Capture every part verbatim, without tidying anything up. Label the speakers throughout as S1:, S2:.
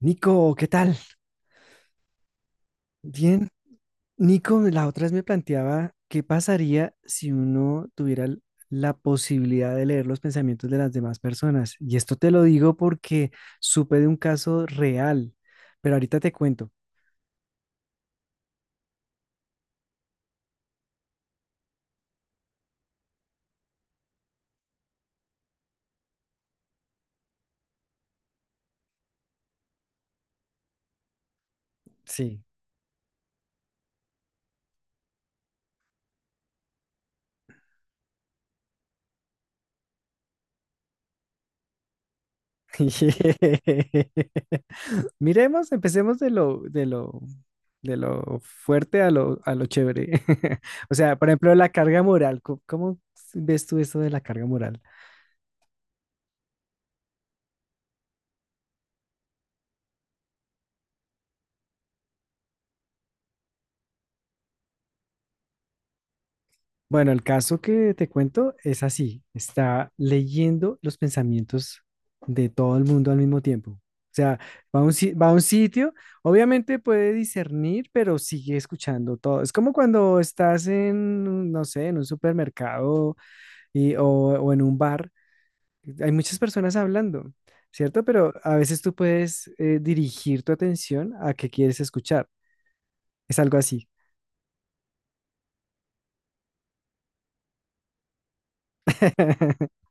S1: Nico, ¿qué tal? Bien. Nico, la otra vez me planteaba qué pasaría si uno tuviera l- la posibilidad de leer los pensamientos de las demás personas. Y esto te lo digo porque supe de un caso real, pero ahorita te cuento. Sí. Miremos, empecemos de lo, de lo, de lo fuerte a lo, a lo chévere. O sea, por ejemplo, la carga moral. ¿Cómo, cómo ves tú esto de la carga moral? Bueno, el caso que te cuento es así, está leyendo los pensamientos de todo el mundo al mismo tiempo. O sea, va a un, si- va a un sitio, obviamente puede discernir, pero sigue escuchando todo. Es como cuando estás en, no sé, en un supermercado y, o, o en un bar, hay muchas personas hablando, ¿cierto? Pero a veces tú puedes eh, dirigir tu atención a qué quieres escuchar. Es algo así.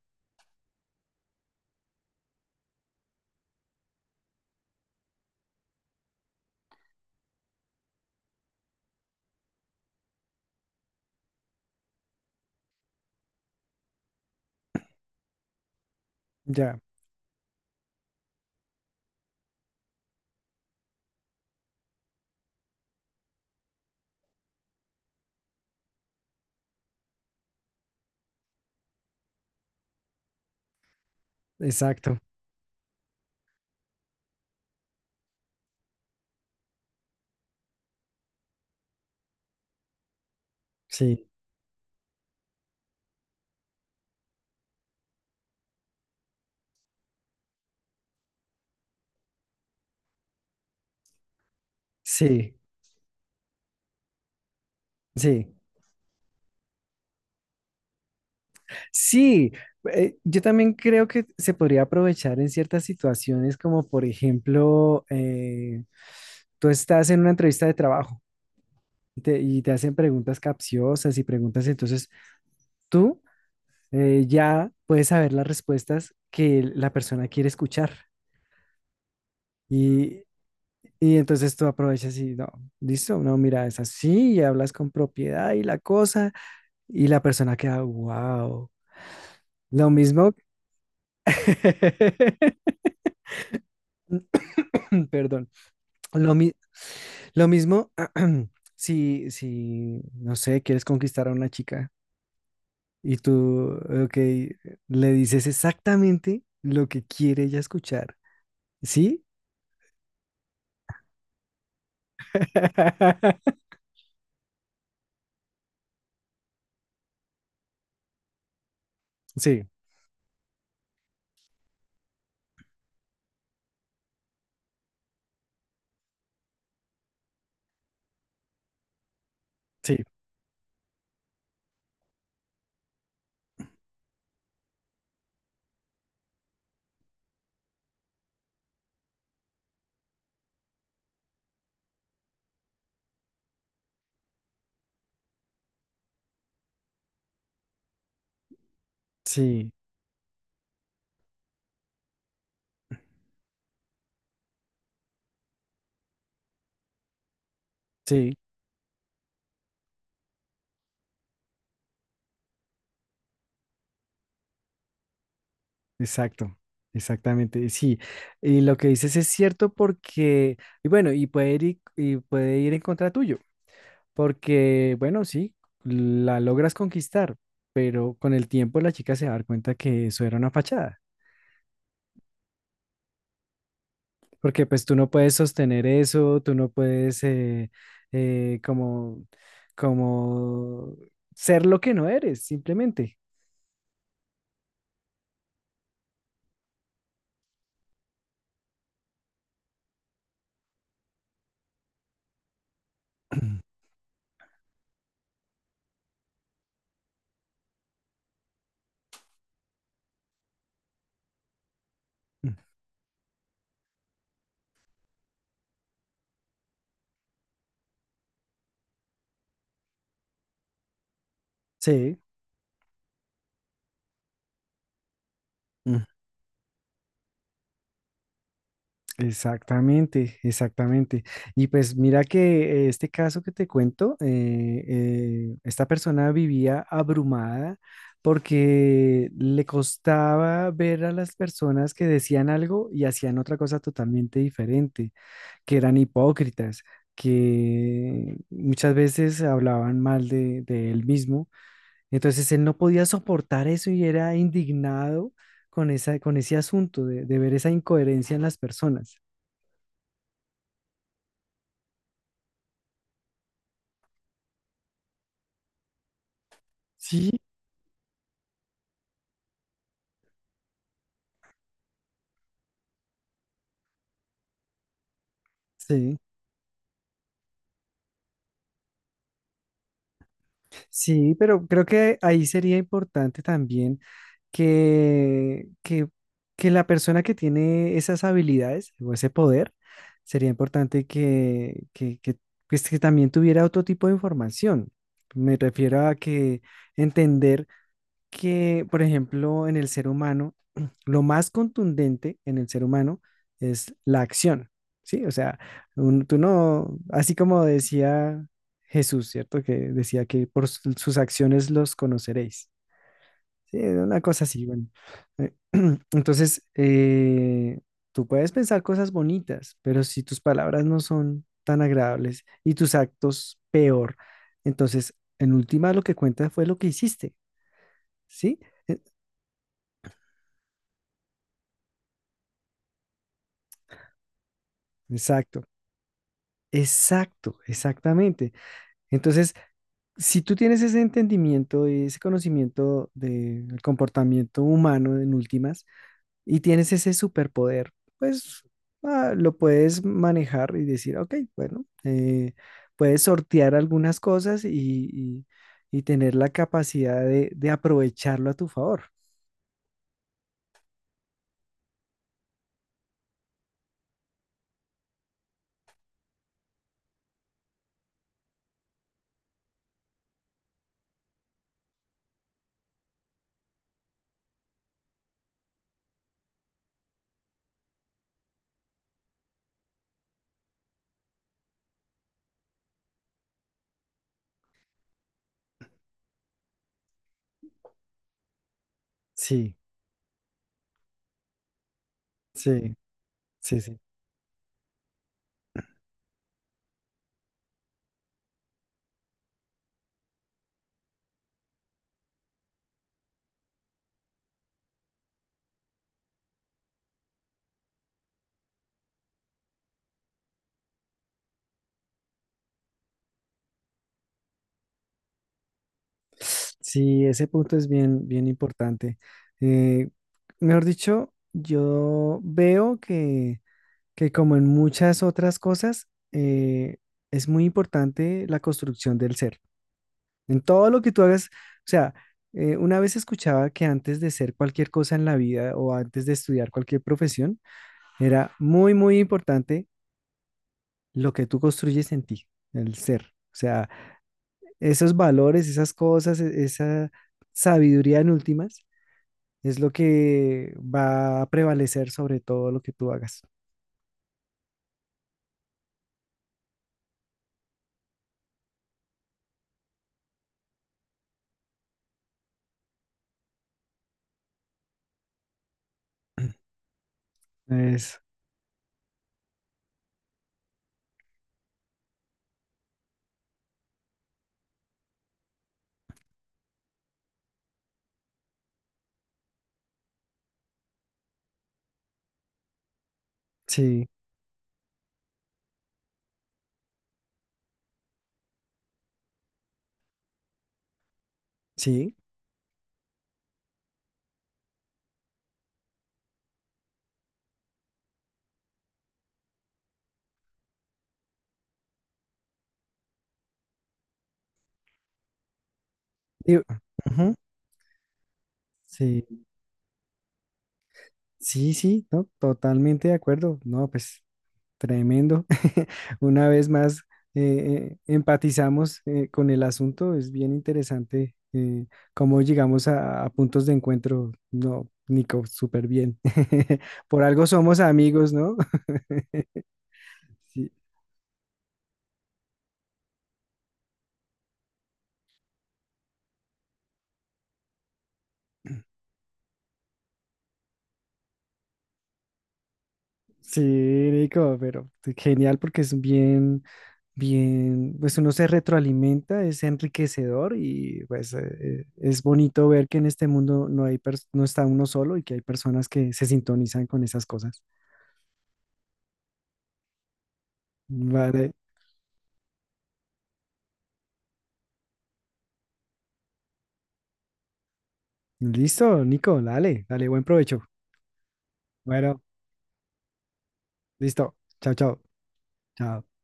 S1: Ya, exacto. Sí, sí, sí. Sí, eh, yo también creo que se podría aprovechar en ciertas situaciones, como por ejemplo, eh, tú estás en una entrevista de trabajo y te, y te hacen preguntas capciosas y preguntas, entonces tú eh, ya puedes saber las respuestas que la persona quiere escuchar. Y, y entonces tú aprovechas y no, listo, no, mira, es así, y hablas con propiedad y la cosa, y la persona queda, wow. Lo mismo, perdón. Lo, mi- lo mismo, si, si, no sé, quieres conquistar a una chica y tú, ok, le dices exactamente lo que quiere ella escuchar, ¿sí? Sí, sí, sí, sí, exacto, exactamente, sí. Y lo que dices es cierto porque, y bueno, y puede ir, y y puede ir en contra tuyo. Porque, bueno, sí, la logras conquistar, pero con el tiempo la chica se va a dar cuenta que eso era una fachada, porque pues tú no puedes sostener eso, tú no puedes eh, eh, como, como ser lo que no eres, simplemente. Mm. Sí. Exactamente, exactamente. Y pues mira que eh, este caso que te cuento, eh, eh, esta persona vivía abrumada porque le costaba ver a las personas que decían algo y hacían otra cosa totalmente diferente, que eran hipócritas, que muchas veces hablaban mal de, de él mismo. Entonces él no podía soportar eso y era indignado con esa, con ese asunto de de ver esa incoherencia en las personas. Sí, sí, sí, pero creo que ahí sería importante también que, que, que la persona que tiene esas habilidades o ese poder, sería importante que, que, que, pues, que también tuviera otro tipo de información. Me refiero a que entender que, por ejemplo, en el ser humano, lo más contundente en el ser humano es la acción, ¿sí? O sea, un- tú no, así como decía Jesús, ¿cierto? Que decía que por su- sus acciones los conoceréis, ¿sí? Una cosa así, bueno. Eh, Entonces, eh, tú puedes pensar cosas bonitas, pero si tus palabras no son tan agradables y tus actos peor, entonces, en última, lo que cuenta fue lo que hiciste, ¿sí? Exacto, exacto, exactamente. Entonces, si tú tienes ese entendimiento y ese conocimiento del comportamiento humano en últimas y tienes ese superpoder, pues ah, lo puedes manejar y decir, ok, bueno, eh, puedes sortear algunas cosas y, y- y tener la capacidad de, de aprovecharlo a tu favor. Sí, sí, sí, sí. Sí, ese punto es bien, bien importante. Eh, mejor dicho, yo veo que, que como en muchas otras cosas, eh, es muy importante la construcción del ser. En todo lo que tú hagas, o sea, eh, una vez escuchaba que antes de ser cualquier cosa en la vida o antes de estudiar cualquier profesión, era muy, muy importante lo que tú construyes en ti, el ser. O sea, esos valores, esas cosas, e- esa sabiduría en últimas es lo que va a prevalecer sobre todo lo que tú hagas. Es, sí, sí. y- ujú, sí, sí, sí, ¿no? Totalmente de acuerdo. No, pues tremendo. Una vez más, eh, eh, empatizamos eh, con el asunto. Es bien interesante eh, cómo llegamos a, a puntos de encuentro. No, Nico, súper bien. Por algo somos amigos, ¿no? Sí, sí, Nico, pero genial porque es bien bien, pues uno se retroalimenta, es enriquecedor y pues eh, eh, es bonito ver que en este mundo no hay pers- no está uno solo y que hay personas que se sintonizan con esas cosas. Vale, listo, Nico, dale, dale, buen provecho. Bueno, listo. Chao, chao. Chao.